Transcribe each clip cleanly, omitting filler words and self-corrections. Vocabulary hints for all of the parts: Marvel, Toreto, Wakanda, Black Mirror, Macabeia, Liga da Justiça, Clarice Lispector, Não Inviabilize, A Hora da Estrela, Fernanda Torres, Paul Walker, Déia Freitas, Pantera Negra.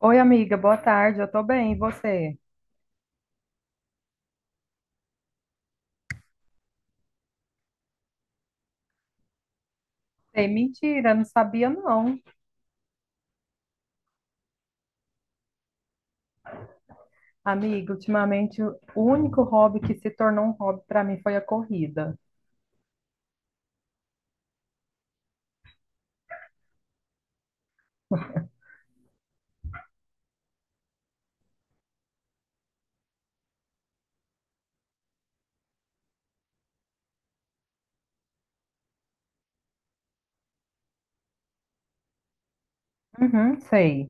Oi, amiga, boa tarde. Eu tô bem, e você? Ei, mentira, não sabia não. Amiga, ultimamente o único hobby que se tornou um hobby pra mim foi a corrida. Uhum, sei.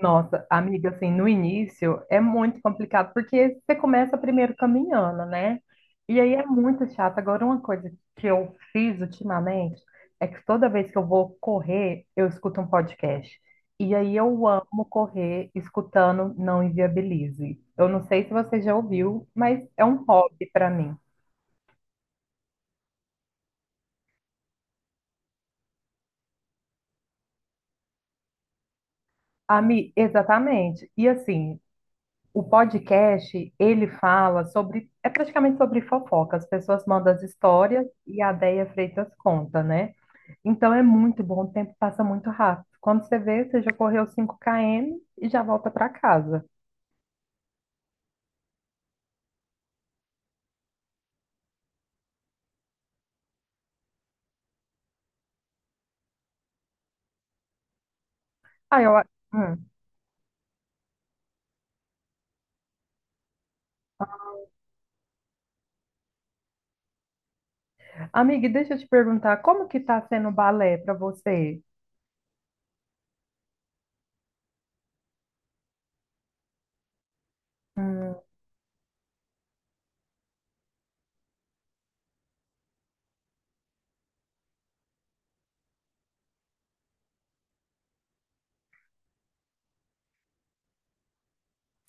Nossa, amiga, assim, no início é muito complicado, porque você começa primeiro caminhando, né? E aí é muito chato. Agora, uma coisa que eu fiz ultimamente é que toda vez que eu vou correr, eu escuto um podcast. E aí eu amo correr escutando Não Inviabilize. Eu não sei se você já ouviu, mas é um hobby para mim. Exatamente. E assim, o podcast, ele fala sobre, é praticamente sobre fofoca. As pessoas mandam as histórias e a Déia Freitas conta, né? Então é muito bom, o tempo passa muito rápido. Quando você vê, você já correu 5 km e já volta para casa. Aí eu, hum. Amiga, e deixa eu te perguntar, como que tá sendo o balé para você? Hum,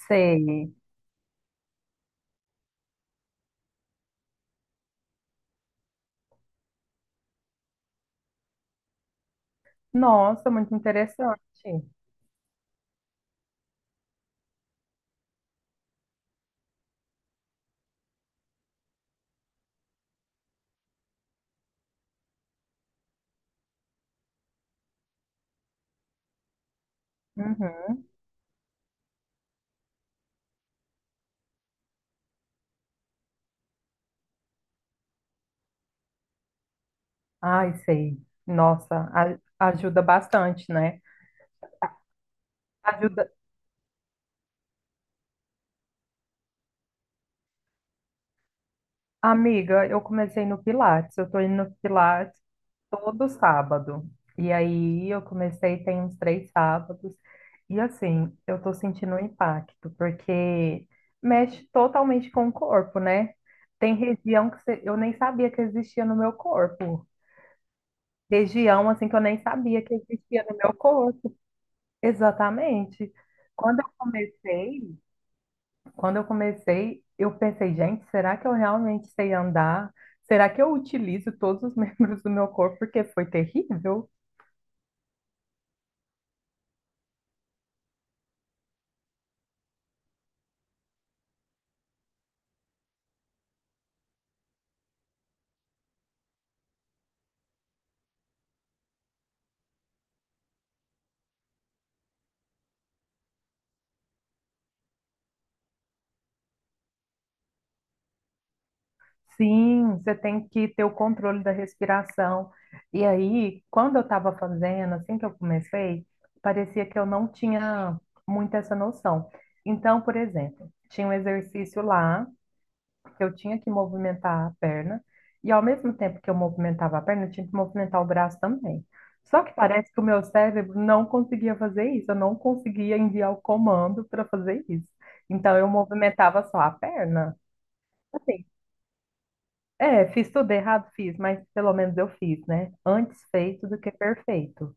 sei. Nossa, muito interessante. Uhum. Ai, sei. Nossa, ajuda bastante, né? Ajuda Amiga, eu comecei no Pilates. Eu tô indo no Pilates todo sábado. E aí eu comecei tem uns 3 sábados. E assim, eu tô sentindo um impacto, porque mexe totalmente com o corpo, né? Tem região que eu nem sabia que existia no meu corpo. Região assim que eu nem sabia que existia no meu corpo. Exatamente. Quando eu comecei, quando eu comecei, eu pensei, gente, será que eu realmente sei andar? Será que eu utilizo todos os membros do meu corpo? Porque foi terrível. Sim, você tem que ter o controle da respiração. E aí, quando eu estava fazendo, assim que eu comecei, parecia que eu não tinha muito essa noção. Então, por exemplo, tinha um exercício lá que eu tinha que movimentar a perna, e ao mesmo tempo que eu movimentava a perna, eu tinha que movimentar o braço também. Só que parece que o meu cérebro não conseguia fazer isso, eu não conseguia enviar o comando para fazer isso. Então eu movimentava só a perna. Assim, é, fiz tudo errado, fiz, mas pelo menos eu fiz, né? Antes feito do que perfeito.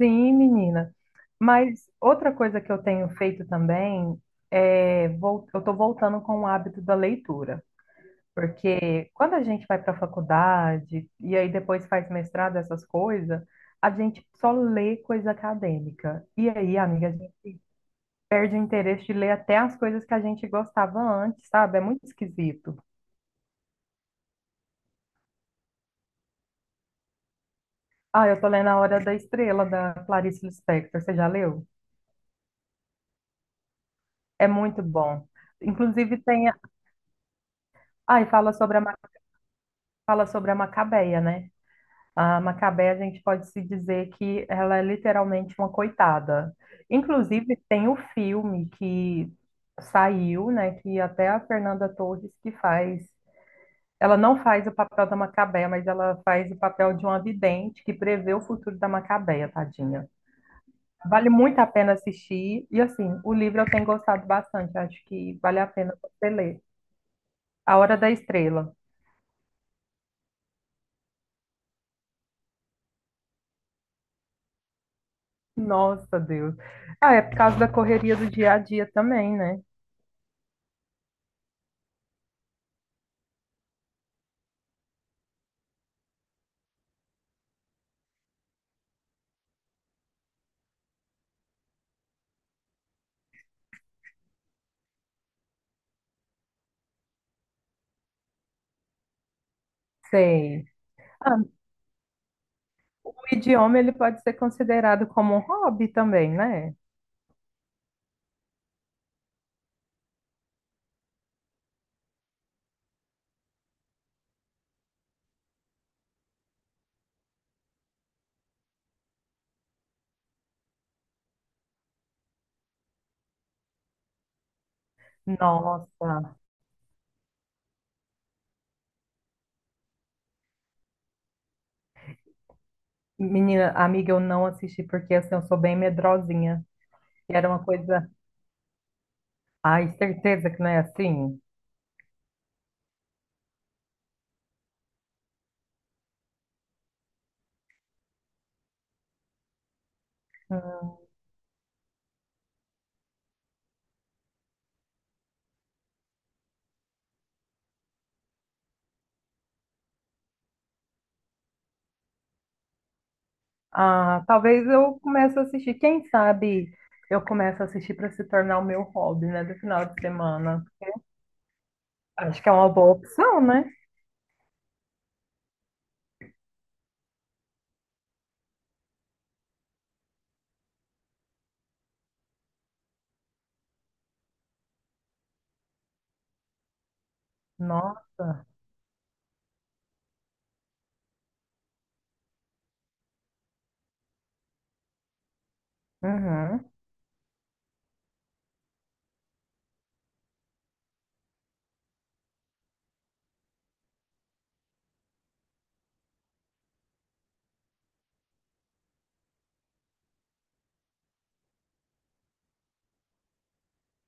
Sim, menina. Mas outra coisa que eu tenho feito também é, eu estou voltando com o hábito da leitura. Porque quando a gente vai para a faculdade e aí depois faz mestrado, essas coisas, a gente só lê coisa acadêmica. E aí, amiga, a gente perde o interesse de ler até as coisas que a gente gostava antes, sabe? É muito esquisito. Ah, eu tô lendo A Hora da Estrela, da Clarice Lispector. Você já leu? É muito bom. Inclusive tem. Ah, e fala sobre a Macabeia, né? A Macabé, a gente pode se dizer que ela é literalmente uma coitada. Inclusive, tem o filme que saiu, né, que até a Fernanda Torres que faz. Ela não faz o papel da Macabé, mas ela faz o papel de uma vidente que prevê o futuro da Macabé, tadinha. Vale muito a pena assistir. E assim, o livro eu tenho gostado bastante, acho que vale a pena você ler. A Hora da Estrela. Nossa, Deus. Ah, é por causa da correria do dia a dia também, né? Sei. Ah, o idioma ele pode ser considerado como um hobby também, né? Nossa, menina, amiga, eu não assisti porque assim, eu sou bem medrosinha. E era uma coisa. Ai, certeza que não é assim? Hum. Ah, talvez eu comece a assistir. Quem sabe eu começo a assistir para se tornar o meu hobby, né? Do final de semana. Acho que é uma boa opção, né? Nossa. Uhum.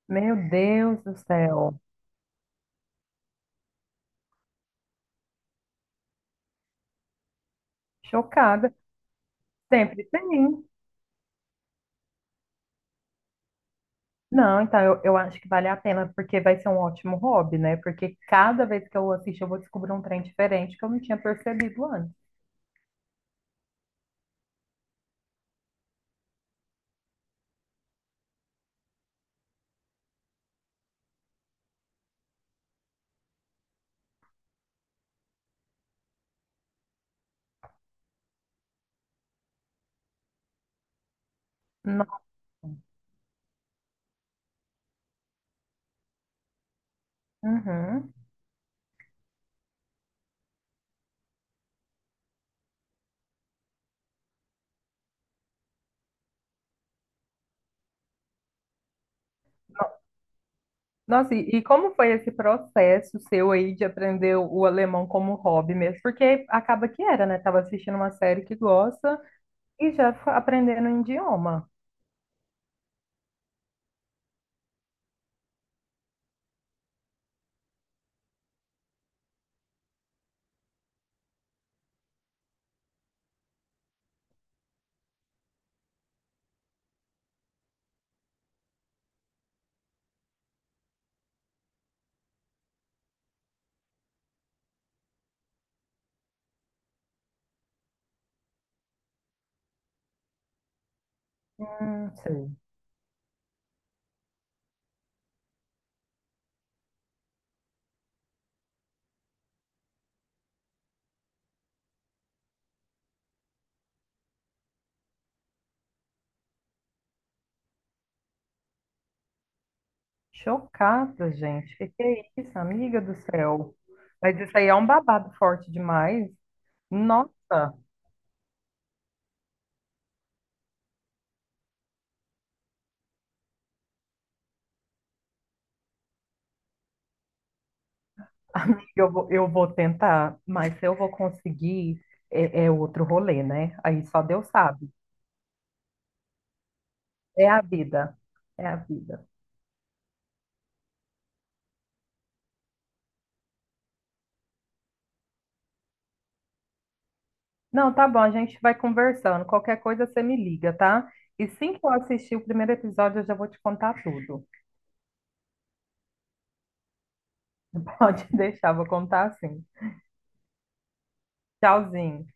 Meu Deus do céu. Chocada. Sempre tem. Não, então eu acho que vale a pena, porque vai ser um ótimo hobby, né? Porque cada vez que eu assisto, eu vou descobrir um trem diferente que eu não tinha percebido antes. No- Uhum. Nossa, e, como foi esse processo seu aí de aprender o alemão como hobby mesmo? Porque acaba que era, né? Tava assistindo uma série que gosta e já aprendendo um idioma. Sei. Chocada, gente. Que é isso, amiga do céu? Mas isso aí é um babado forte demais. Nossa. Eu vou tentar, mas se eu vou conseguir, é, é outro rolê, né? Aí só Deus sabe. É a vida. É a vida. Não, tá bom, a gente vai conversando. Qualquer coisa você me liga, tá? E assim que eu assistir o primeiro episódio, eu já vou te contar tudo. Pode deixar, vou contar assim. Tchauzinho.